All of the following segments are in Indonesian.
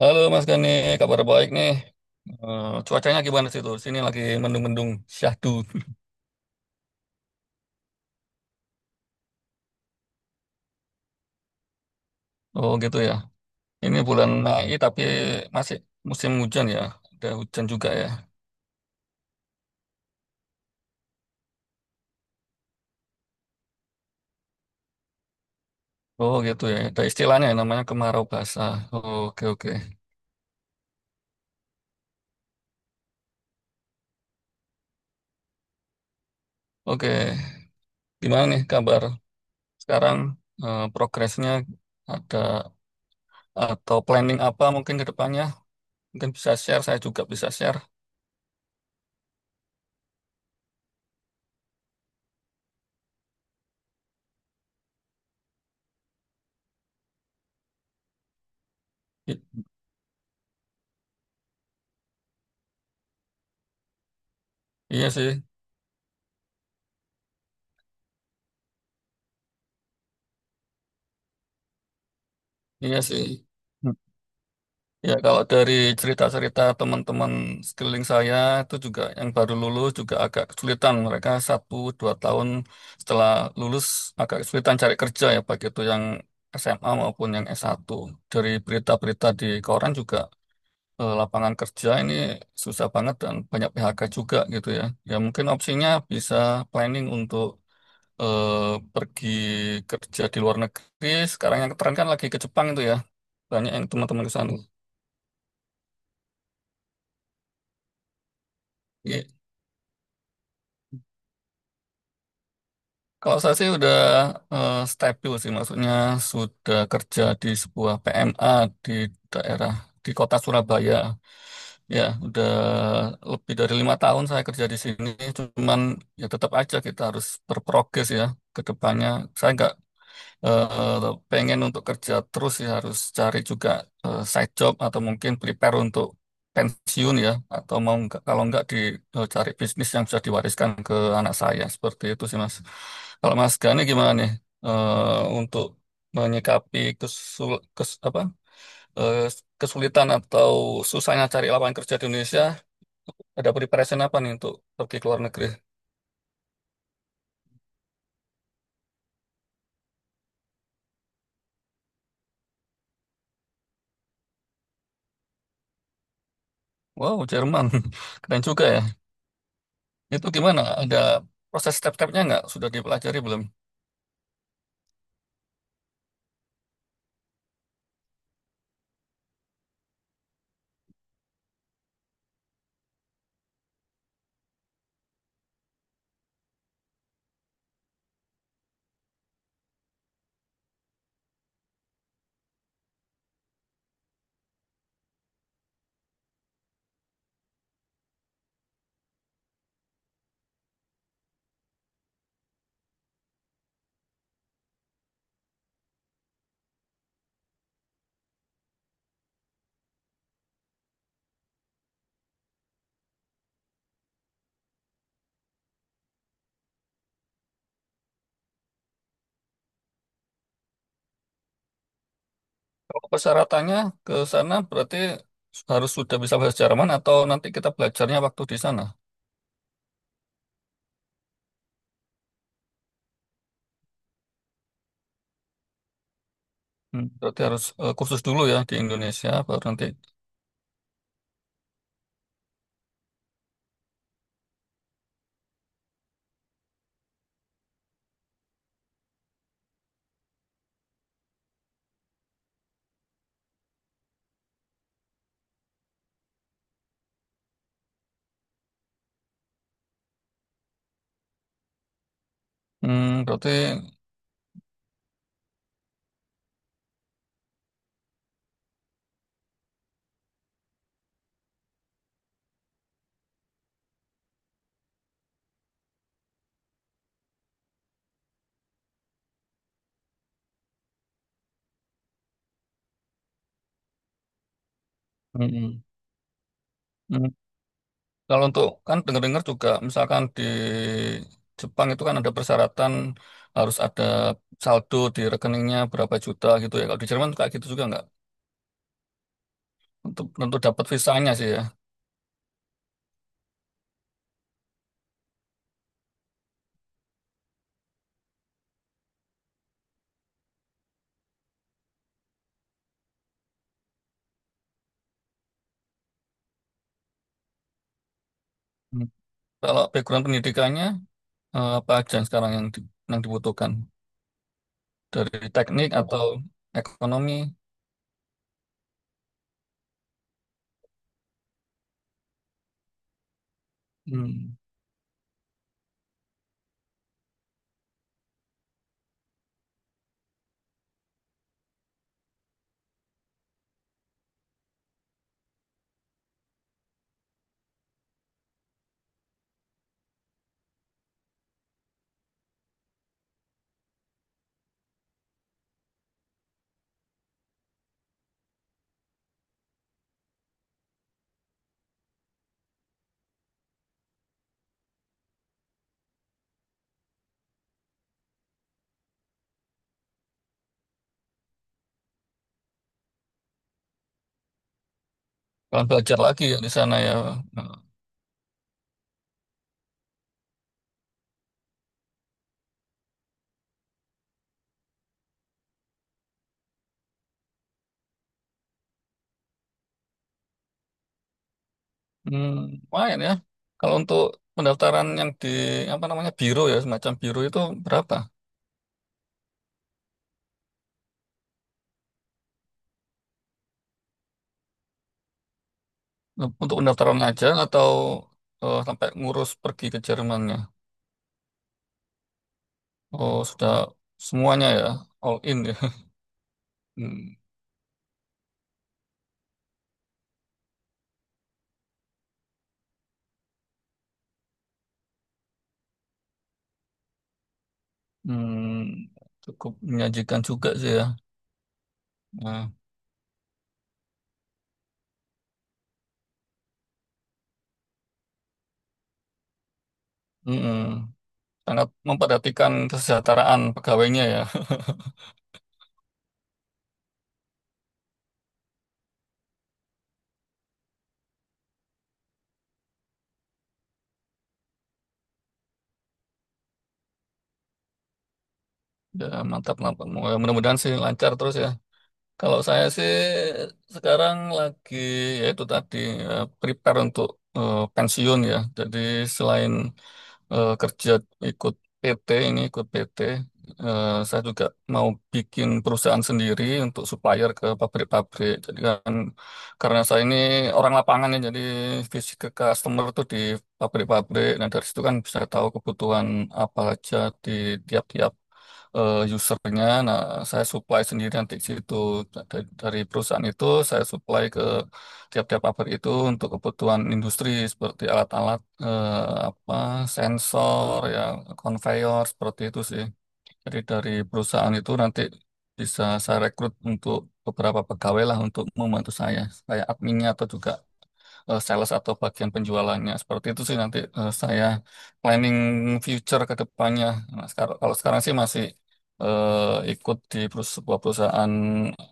Halo Mas Gani, kabar baik nih. Eh, cuacanya gimana sih tuh? Sini lagi mendung-mendung syahdu. Oh gitu ya. Ini bulan Mei tapi masih musim hujan ya. Ada hujan juga ya. Oh gitu ya. Ada istilahnya yang namanya kemarau basah. Oh, oke oke. Oke. Gimana nih kabar sekarang? Progresnya ada atau planning apa mungkin ke depannya? Mungkin bisa share. Saya juga bisa share. I- iya sih. Iya sih. Ya, kalau dari cerita-cerita teman-teman sekeliling saya itu juga yang baru lulus juga agak kesulitan. Mereka satu dua tahun setelah lulus agak kesulitan cari kerja ya, baik itu yang SMA maupun yang satu. Dari berita-berita di koran juga lapangan kerja ini susah banget dan banyak PHK juga gitu ya. Ya mungkin opsinya bisa planning untuk eh, pergi kerja di luar negeri. Sekarang yang keren kan lagi ke Jepang itu ya. Banyak yang teman-teman ke sana. Iya. Kalau saya sih udah stabil sih, maksudnya sudah kerja di sebuah PMA di daerah di kota Surabaya. Ya, udah lebih dari 5 tahun saya kerja di sini. Cuman ya tetap aja kita harus berprogres ya ke depannya. Saya nggak pengen untuk kerja terus ya harus cari juga side job atau mungkin prepare untuk pensiun ya atau mau nggak- kalau nggak dicari bisnis yang bisa diwariskan ke anak saya seperti itu sih Mas. Kalau Mas Gani gimana nih untuk menyikapi apa eh, kesulitan atau susahnya cari lapangan kerja di Indonesia ada preparation apa nih untuk pergi ke luar negeri? Wow, Jerman. Keren juga ya. Itu gimana? Ada proses step-stepnya nggak? Sudah dipelajari belum? Kalau persyaratannya ke sana berarti harus sudah bisa bahasa Jerman atau nanti kita belajarnya waktu di sana? Hmm, berarti harus kursus dulu ya di Indonesia baru nanti. Hmm, berarti hmm, hmm. Kalau untuk kan dengar-dengar juga misalkan di Jepang itu kan ada persyaratan harus ada saldo di rekeningnya berapa juta gitu ya. Kalau di Jerman kayak gitu juga nggak? Untuk dapat visanya sih ya. Hmm. Kalau background pendidikannya apa aja yang sekarang yang yang dibutuhkan dari teknik atau ekonomi? Hmm. Kalau belajar lagi ya di sana ya. Nah, hmm, lumayan ya. Kalau untuk pendaftaran yang di apa namanya biro ya semacam biro itu berapa? Untuk pendaftaran aja atau sampai ngurus pergi ke Jermannya? Oh, sudah semuanya ya, all in ya. Hmm, hmm, cukup menyajikan juga sih ya. Nah, mm-mm. Sangat memperhatikan kesejahteraan pegawainya ya. Ya, mantap, mantap. Mudah-mudahan sih lancar terus ya. Kalau saya sih sekarang lagi ya itu tadi prepare untuk pensiun ya. Jadi selain kerja ikut PT ini ikut PT, saya juga mau bikin perusahaan sendiri untuk supplier ke pabrik-pabrik. Jadi kan karena saya ini orang lapangan ya, jadi fisik ke customer tuh di pabrik-pabrik. Nah dari situ kan bisa tahu kebutuhan apa aja di tiap-tiap usernya. Nah, saya supply sendiri nanti ke situ. Nah, dari perusahaan itu saya supply ke tiap-tiap pabrik itu untuk kebutuhan industri seperti alat-alat eh, apa sensor ya, conveyor seperti itu sih. Jadi dari perusahaan itu nanti bisa saya rekrut untuk beberapa pegawai lah untuk membantu saya kayak adminnya atau juga sales atau bagian penjualannya. Seperti itu sih nanti saya planning future ke depannya. Nah, kalau sekarang sih masih ikut di sebuah perusahaan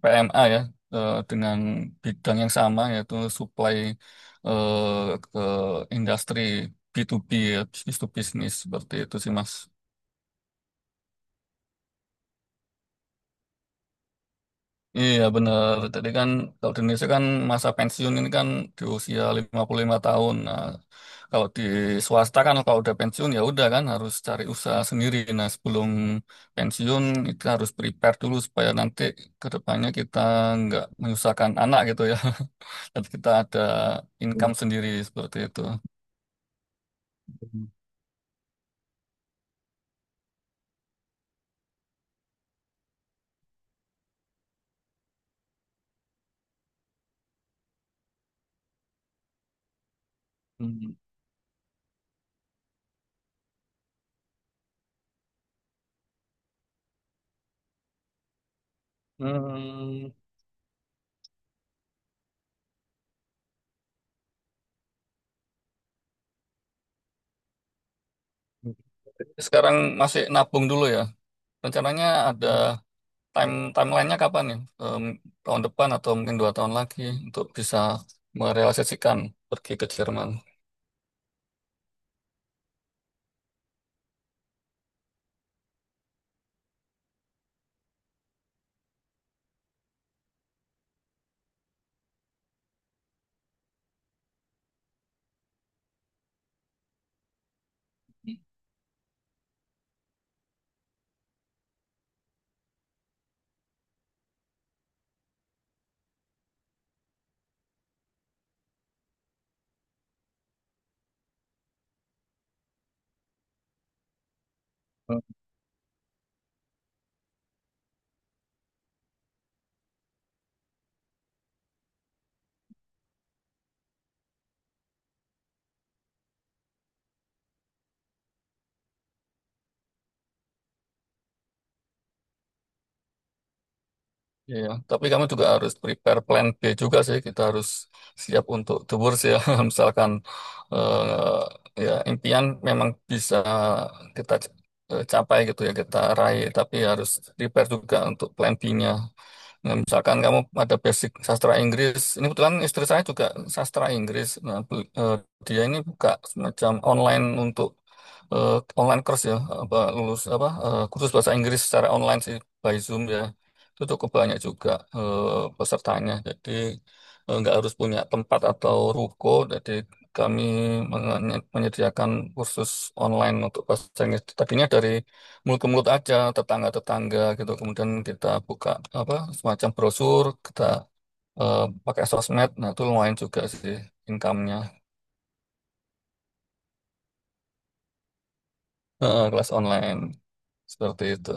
PMA ya dengan bidang yang sama yaitu supply eh, ke industri B2B ya, bisnis to bisnis seperti itu sih Mas. Iya benar. Tadi kan kalau di Indonesia kan masa pensiun ini kan di usia 55 tahun. Nah, kalau di swasta kan kalau udah pensiun ya udah kan harus cari usaha sendiri. Nah, sebelum pensiun itu harus prepare dulu supaya nanti ke depannya kita nggak menyusahkan anak gitu ya. Dan kita ada income sendiri seperti itu. Hmm. Hmm. Sekarang masih nabung dulu ya. Rencananya ada timelinenya kapan nih? Em, tahun depan atau mungkin 2 tahun lagi untuk bisa merealisasikan pergi ke Jerman. Iya, tapi kamu juga harus prepare plan B juga sih. Kita harus siap untuk tour sih ya. Misalkan eh, ya impian memang bisa kita c- capai gitu ya, kita raih, tapi harus prepare juga untuk plan B-nya. Nah, misalkan kamu ada basic sastra Inggris, ini kebetulan istri saya juga sastra Inggris. Nah, dia ini buka semacam online untuk eh, online course ya, apa lulus apa eh, kursus bahasa Inggris secara online sih by Zoom ya, itu cukup banyak juga eh, pesertanya. Jadi nggak harus punya tempat atau ruko. Jadi kami menyediakan kursus online untuk bahasa Inggris. Tadinya dari mulut ke mulut aja, tetangga-tetangga gitu. Kemudian kita buka apa semacam brosur, kita eh, pakai sosmed. Nah itu lumayan juga sih income-nya. Eh, kelas online seperti itu.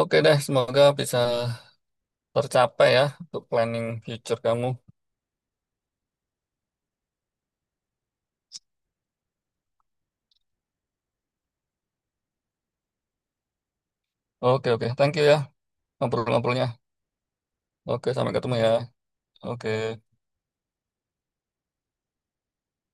Oke deh, semoga bisa tercapai ya untuk planning future kamu. Oke oke, thank you ya ngobrol-ngobrolnya. Oke, sampai ketemu ya. Oke.